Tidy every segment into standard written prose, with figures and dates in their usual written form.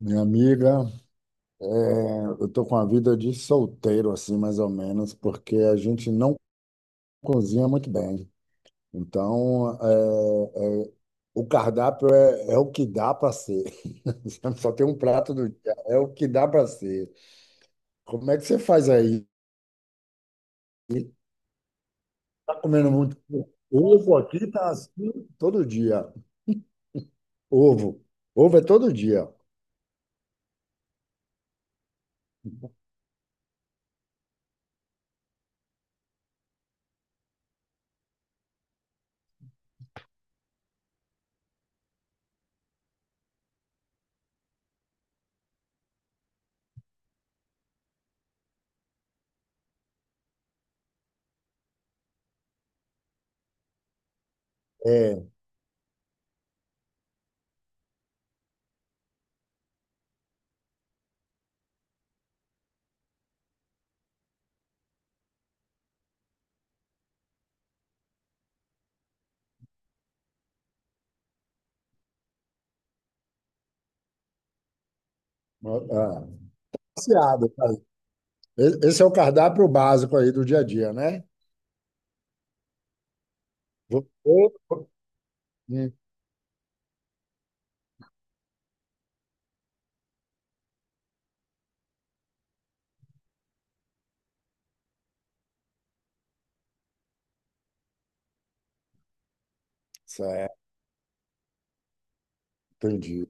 Minha amiga, é, eu tô com a vida de solteiro, assim, mais ou menos, porque a gente não cozinha muito bem. Então, o cardápio é o que dá para ser. Só tem um prato do dia, é o que dá para ser. Como é que você faz aí? Tá comendo muito ovo aqui, tá assim todo dia. Ovo. Ovo é todo dia. É, ah, Saciado, cara. Esse é o cardápio básico aí do dia a dia, né? Você, hum, Certo, entendi.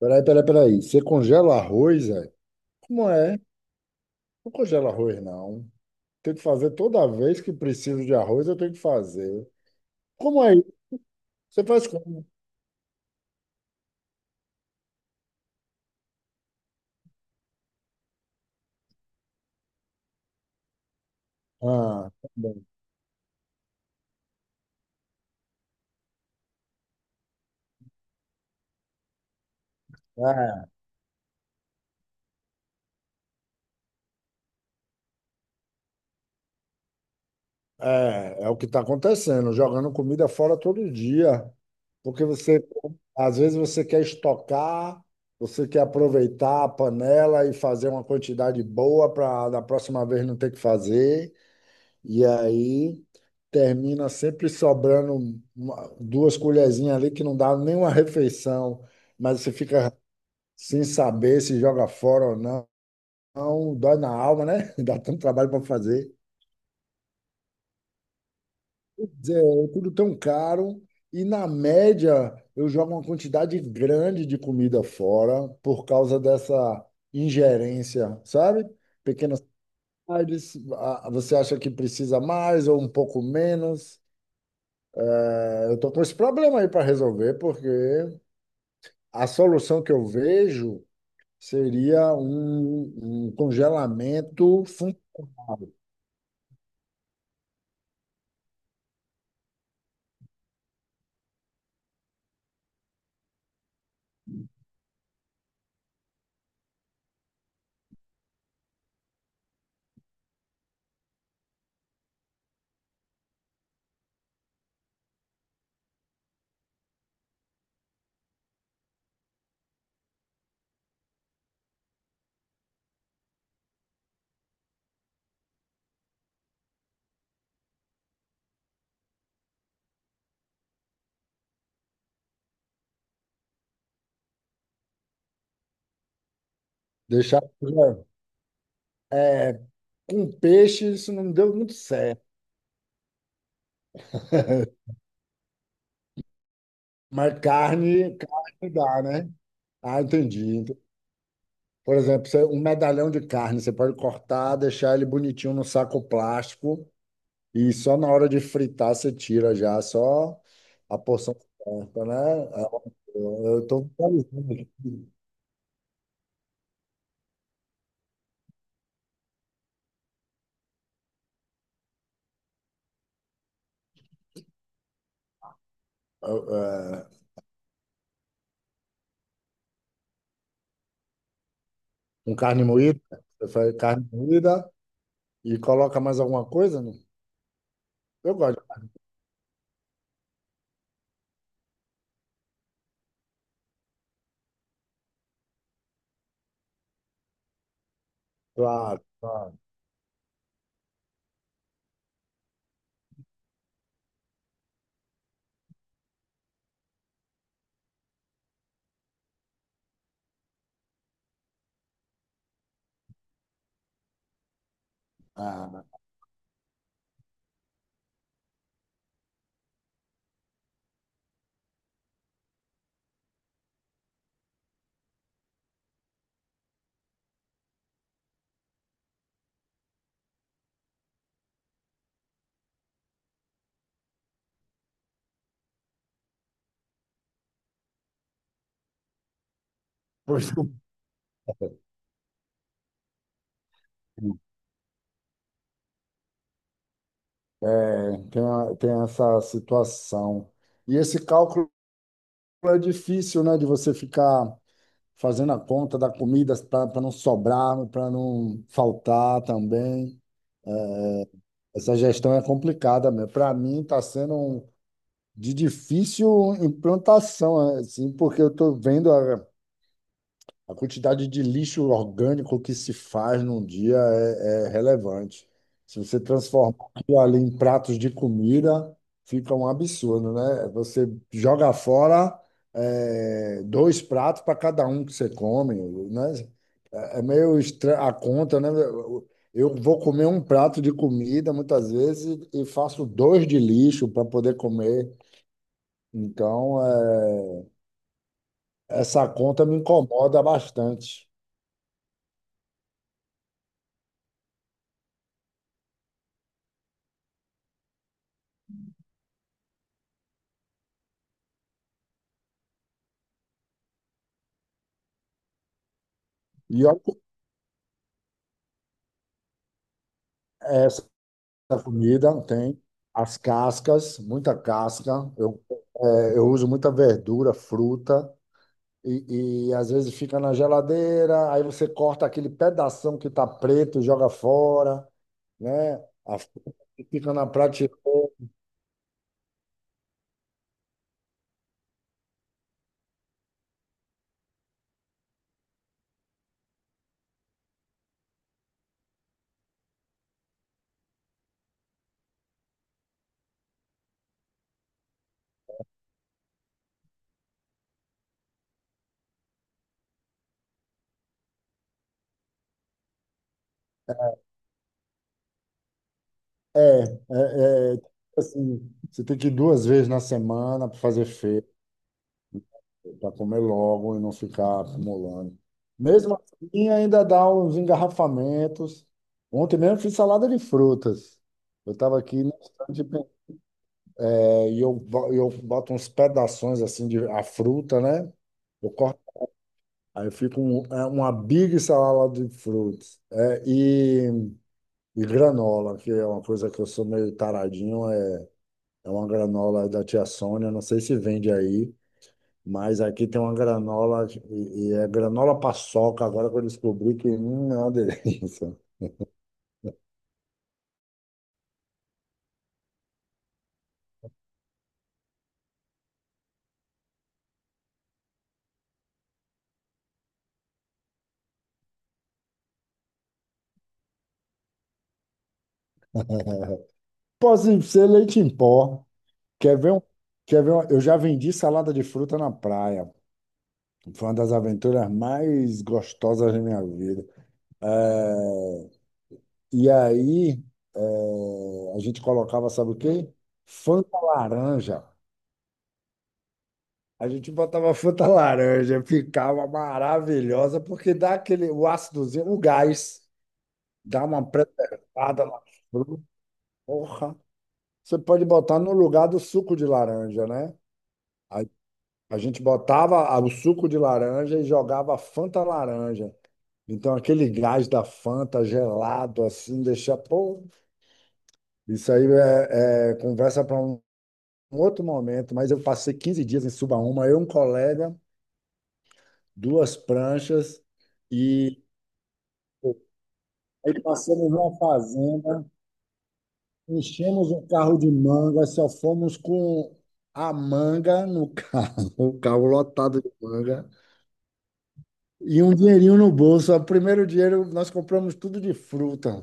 Peraí, peraí, peraí. Você congela arroz, é? Como é? Não congela arroz, não. Tem que fazer toda vez que preciso de arroz, eu tenho que fazer. Como é isso? Você faz como? Ah, tá bom. é, é, É o que está acontecendo, jogando comida fora todo dia. Porque às vezes você quer estocar, você quer aproveitar a panela e fazer uma quantidade boa para da próxima vez não ter que fazer. E aí termina sempre sobrando duas colherzinhas ali que não dá nenhuma refeição, mas você fica sem saber se joga fora ou não. Não, dói na alma, né? Dá tanto trabalho para fazer. Quer dizer, é tudo tão caro e na média eu jogo uma quantidade grande de comida fora por causa dessa ingerência, sabe? Pequenas partes, ah, você acha que precisa mais ou um pouco menos? Eu estou com esse problema aí para resolver, porque a solução que eu vejo seria um congelamento funcional. Deixar é, com peixe, isso não deu muito certo. Mas carne, carne dá, né? Ah, entendi. Então, por exemplo, um medalhão de carne, você pode cortar, deixar ele bonitinho no saco plástico e só na hora de fritar você tira já, só a porção certa, né? Ah, eu estou ah, ah, com carne moída. Você faz carne moída e coloca mais alguma coisa? Não? Eu gosto. Claro, claro. Ah, pois é, tem, tem essa situação. E esse cálculo é difícil, né, de você ficar fazendo a conta da comida para não sobrar, para não faltar também. Essa gestão é complicada mesmo. Para mim, está sendo de difícil implantação, assim, porque eu estou vendo a quantidade de lixo orgânico que se faz num dia é relevante. Se você transformar aquilo ali em pratos de comida, fica um absurdo, né? Você joga fora, é, dois pratos para cada um que você come, né? É meio estranha a conta, né? Eu vou comer um prato de comida muitas vezes e faço dois de lixo para poder comer. Então, essa conta me incomoda bastante. E olha, é, da comida, tem as cascas, muita casca. Eu, eu uso muita verdura, fruta, e às vezes fica na geladeira, aí você corta aquele pedação que está preto, e joga fora, né? A- fruta Fica na prateleira. É, é, é, assim, você tem que ir duas vezes na semana para fazer feira, para comer logo e não ficar acumulando. Mesmo assim, ainda dá uns engarrafamentos. Ontem mesmo fiz salada de frutas. Eu estava aqui no estande de e eu, eu boto uns pedaços assim de a fruta, né? Eu corto, aí fica é uma big salada de frutas. E granola, que é uma coisa que eu sou meio taradinho, é uma granola da tia Sônia, não sei se vende aí. Mas aqui tem uma granola, e é granola paçoca, agora que eu descobri que é uma delícia. Pode ser leite em pó. Quer ver um, quer ver um, eu já vendi salada de fruta na praia. Foi uma das aventuras mais gostosas da minha vida. É, E aí, a gente colocava, sabe o quê? Fanta laranja. A gente botava Fanta laranja, ficava maravilhosa, porque dá aquele, o ácidozinho, o gás, dá uma preservada na fruta. Porra! Você pode botar no lugar do suco de laranja, né? Aí a gente botava o suco de laranja e jogava Fanta laranja. Então, aquele gás da Fanta gelado, assim, deixa. Pô, isso aí é conversa para um outro momento, mas eu passei 15 dias em Subaúma, eu um colega, duas pranchas, e aí passamos numa fazenda, enchemos um carro de manga, só fomos com a manga no carro, o carro lotado de manga, e um dinheirinho no bolso. O primeiro dinheiro nós compramos tudo de fruta.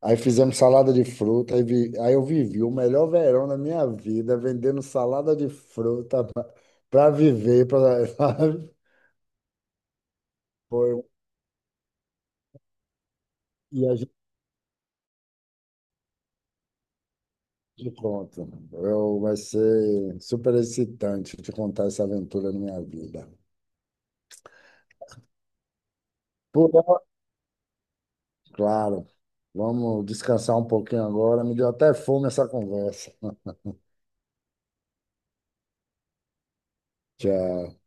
Aí fizemos salada de fruta, aí, aí eu vivi o melhor verão da minha vida, vendendo salada de fruta para viver, para foi. E a De pronto. Eu, vai ser super excitante te contar essa aventura na minha vida. Por hora, claro. Vamos descansar um pouquinho agora. Me deu até fome essa conversa. Tchau.